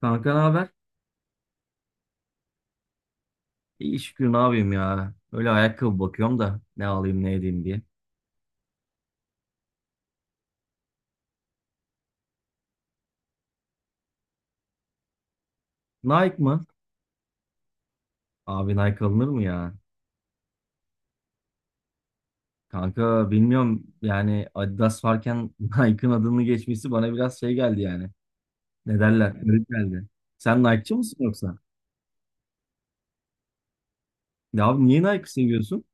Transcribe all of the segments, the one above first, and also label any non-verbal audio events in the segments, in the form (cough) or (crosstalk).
Kanka ne haber? İyi şükür ne yapayım ya. Öyle ayakkabı bakıyorum da ne alayım ne edeyim diye. Nike mı? Abi Nike alınır mı ya? Kanka bilmiyorum yani Adidas varken (laughs) Nike'ın adını geçmesi bana biraz şey geldi yani. Ne derler? Garip geldi. Sen Nike'çı mısın yoksa? Ya abi niye Nike seviyorsun?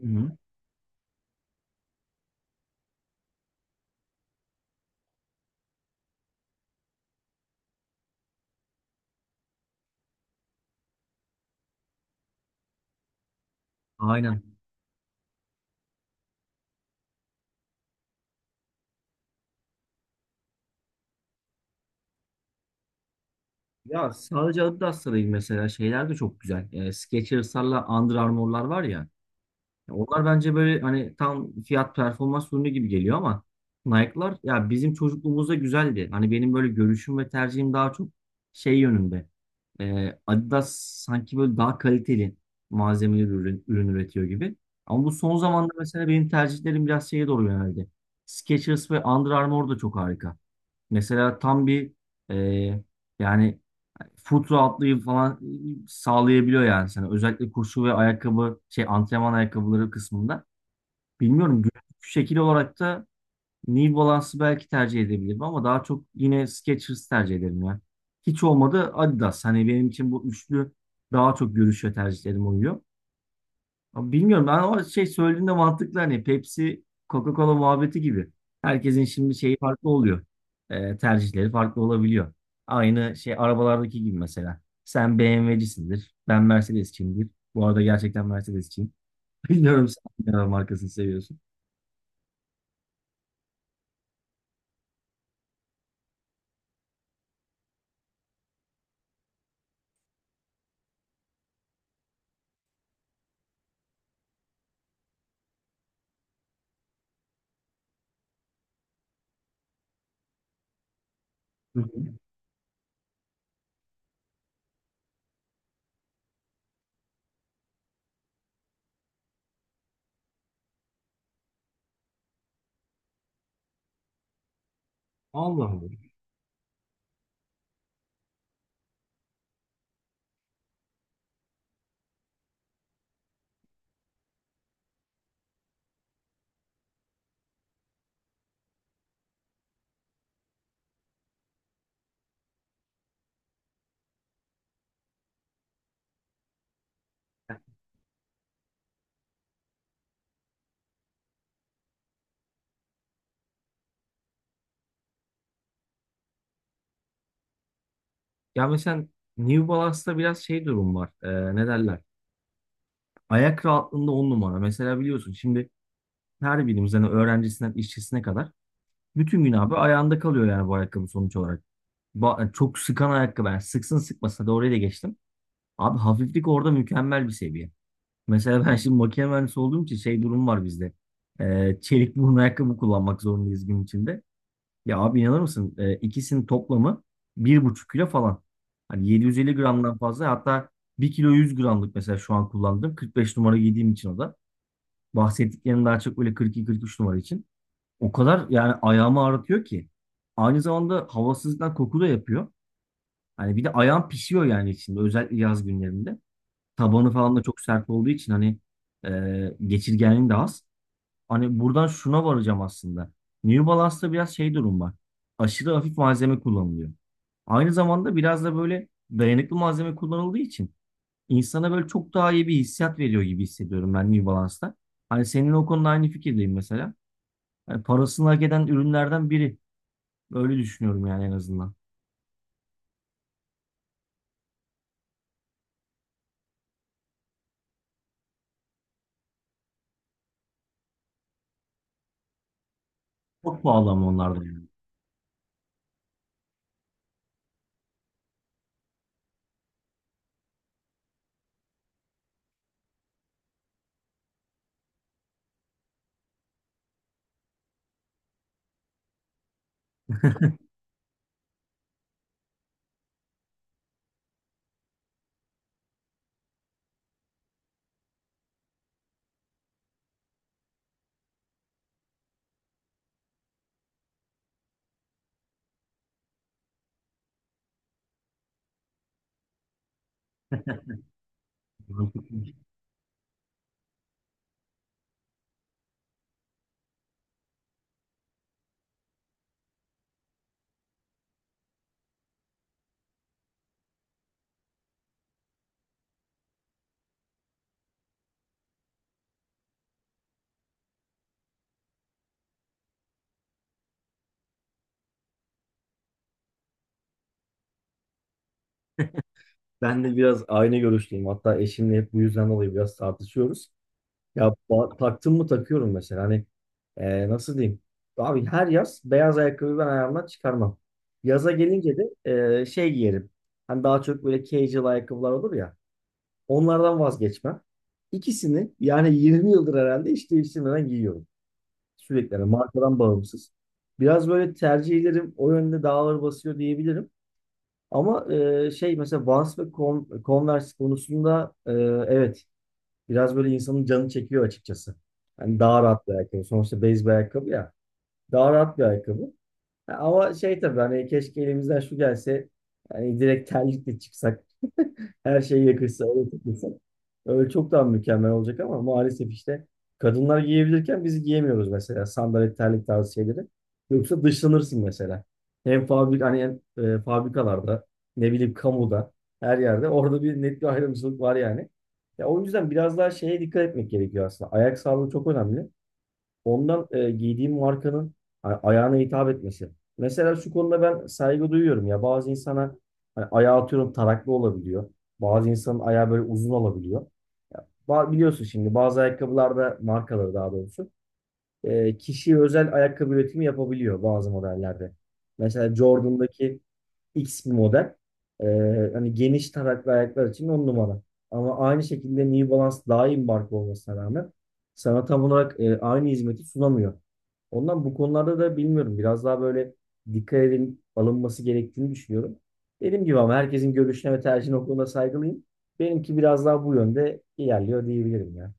Hı-hı. Aynen. Ya sadece Adidas'ta değil, mesela şeyler de çok güzel. Skechers'larla Under Armour'lar var ya. Onlar bence böyle hani tam fiyat performans ürünü gibi geliyor, ama Nike'lar ya bizim çocukluğumuzda güzeldi. Hani benim böyle görüşüm ve tercihim daha çok şey yönünde. Adidas sanki böyle daha kaliteli malzemeli ürün, üretiyor gibi. Ama bu son zamanda mesela benim tercihlerim biraz şeye doğru yöneldi. Skechers ve Under Armour da çok harika. Mesela tam bir e, yani foot rahatlığı falan sağlayabiliyor yani sana. Özellikle koşu ve ayakkabı şey antrenman ayakkabıları kısmında. Bilmiyorum, görüntü şekil olarak da New Balance'ı belki tercih edebilirim ama daha çok yine Skechers tercih ederim ya. Hiç olmadı Adidas. Hani benim için bu üçlü daha çok görüşe tercihlerim oluyor. Ama bilmiyorum, ben o şey söylediğinde mantıklı, hani Pepsi Coca-Cola muhabbeti gibi. Herkesin şimdi şeyi farklı oluyor. Tercihleri farklı olabiliyor. Aynı şey arabalardaki gibi mesela. Sen BMW'cisindir. Ben Mercedes'çiyimdir. Bu arada gerçekten Mercedes'çiyim. (laughs) Bilmiyorum sen hangi araba markasını seviyorsun. Hı hı. Allah Allah. Ya mesela New Balance'da biraz şey durum var. Ne derler? Ayak rahatlığında on numara. Mesela biliyorsun şimdi her birimiz hani öğrencisinden işçisine kadar bütün gün abi ayağında kalıyor yani bu ayakkabı sonuç olarak. Çok sıkan ayakkabı. Yani sıksın sıkmasa da oraya da geçtim. Abi hafiflik orada mükemmel bir seviye. Mesela ben şimdi makine mühendisi olduğum için şey durum var bizde. Çelik burun ayakkabı kullanmak zorundayız gün içinde. Ya abi inanır mısın? İkisinin toplamı bir buçuk kilo falan. Hani 750 gramdan fazla, hatta bir kilo 100 gramlık mesela şu an kullandım. 45 numara giydiğim için o da. Bahsettiklerim daha çok böyle 42-43 numara için. O kadar yani ayağımı ağrıtıyor ki. Aynı zamanda havasızlıktan koku da yapıyor. Hani bir de ayağım pişiyor yani içinde, özellikle yaz günlerinde. Tabanı falan da çok sert olduğu için hani geçirgenliğin de az. Hani buradan şuna varacağım aslında. New Balance'da biraz şey durum var. Aşırı hafif malzeme kullanılıyor. Aynı zamanda biraz da böyle dayanıklı malzeme kullanıldığı için insana böyle çok daha iyi bir hissiyat veriyor gibi hissediyorum ben New Balance'ta. Hani senin o konuda aynı fikirdeyim mesela. Hani parasını hak eden ürünlerden biri. Öyle düşünüyorum yani en azından. Çok pahalı ama onlardan, yani. Ben de biraz aynı görüşteyim. Hatta eşimle hep bu yüzden dolayı biraz tartışıyoruz. Ya ba- taktım mı takıyorum mesela. Hani nasıl diyeyim? Abi her yaz beyaz ayakkabıyı ben ayağımdan çıkarmam. Yaza gelince de şey giyerim. Hani daha çok böyle casual ayakkabılar olur ya. Onlardan vazgeçmem. İkisini yani 20 yıldır herhalde hiç değiştirmeden giyiyorum. Sürekli yani markadan bağımsız. Biraz böyle tercihlerim o yönde dağları basıyor diyebilirim. Ama şey mesela Vans ve Con- Converse konusunda evet, biraz böyle insanın canı çekiyor açıkçası. Yani daha rahat bir ayakkabı. Sonuçta base bir ayakkabı ya. Daha rahat bir ayakkabı. Ya ama şey tabii hani keşke elimizden şu gelse, yani direkt terlikle çıksak (laughs) her şey yakışsa öyle takılsak. Öyle çok daha mükemmel olacak ama maalesef işte kadınlar giyebilirken biz giyemiyoruz mesela sandalet terlik tarzı şeyleri. Yoksa dışlanırsın mesela. Hem fabrik hani hem, fabrikalarda ne bileyim kamuda her yerde orada bir net bir ayrımcılık var yani. Ya o yüzden biraz daha şeye dikkat etmek gerekiyor aslında. Ayak sağlığı çok önemli. Ondan giydiğim markanın a- ayağına hitap etmesi. Mesela şu konuda ben saygı duyuyorum ya, bazı insana hani ayağı atıyorum taraklı olabiliyor. Bazı insanın ayağı böyle uzun olabiliyor. Ba- biliyorsun şimdi bazı ayakkabılarda markaları, daha doğrusu kişiye özel ayakkabı üretimi yapabiliyor bazı modellerde. Mesela Jordan'daki X bir model. Hani geniş taraklı ayaklar için on numara. Ama aynı şekilde New Balance daha iyi bir marka olmasına rağmen sana tam olarak aynı hizmeti sunamıyor. Ondan bu konularda da bilmiyorum. Biraz daha böyle dikkat edin alınması gerektiğini düşünüyorum. Dediğim gibi, ama herkesin görüşüne ve tercihine o konuda saygılıyım. Benimki biraz daha bu yönde ilerliyor diyebilirim ya.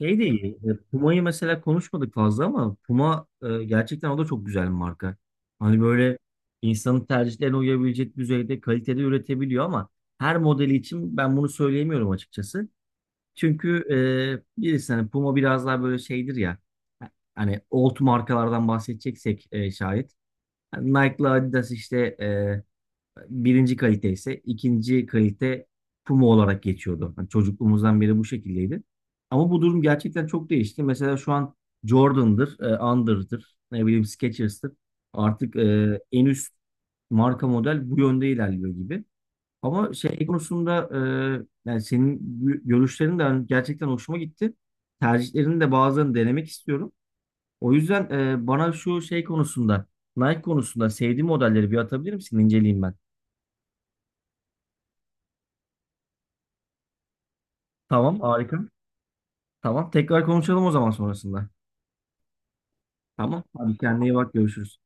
Şey de iyi. Puma'yı mesela konuşmadık fazla, ama Puma gerçekten o da çok güzel bir marka. Hani böyle insanın tercihlerine uyabilecek düzeyde kalitede üretebiliyor, ama her modeli için ben bunu söyleyemiyorum açıkçası. Çünkü birisi hani Puma biraz daha böyle şeydir ya, hani old markalardan bahsedeceksek şayet. Hani Nike'la Adidas işte birinci kalite ise, ikinci kalite Puma olarak geçiyordu. Hani çocukluğumuzdan beri bu şekildeydi. Ama bu durum gerçekten çok değişti. Mesela şu an Jordan'dır, Under'dır, ne bileyim Skechers'tır. Artık en üst marka model bu yönde ilerliyor gibi. Ama şey konusunda yani senin gö- görüşlerin de hani gerçekten hoşuma gitti. Tercihlerini de bazılarını denemek istiyorum. O yüzden bana şu şey konusunda, Nike konusunda sevdiğim modelleri bir atabilir misin? İnceleyeyim ben. Tamam, harika. Tamam, tekrar konuşalım o zaman sonrasında. Tamam, hadi kendine iyi bak, görüşürüz.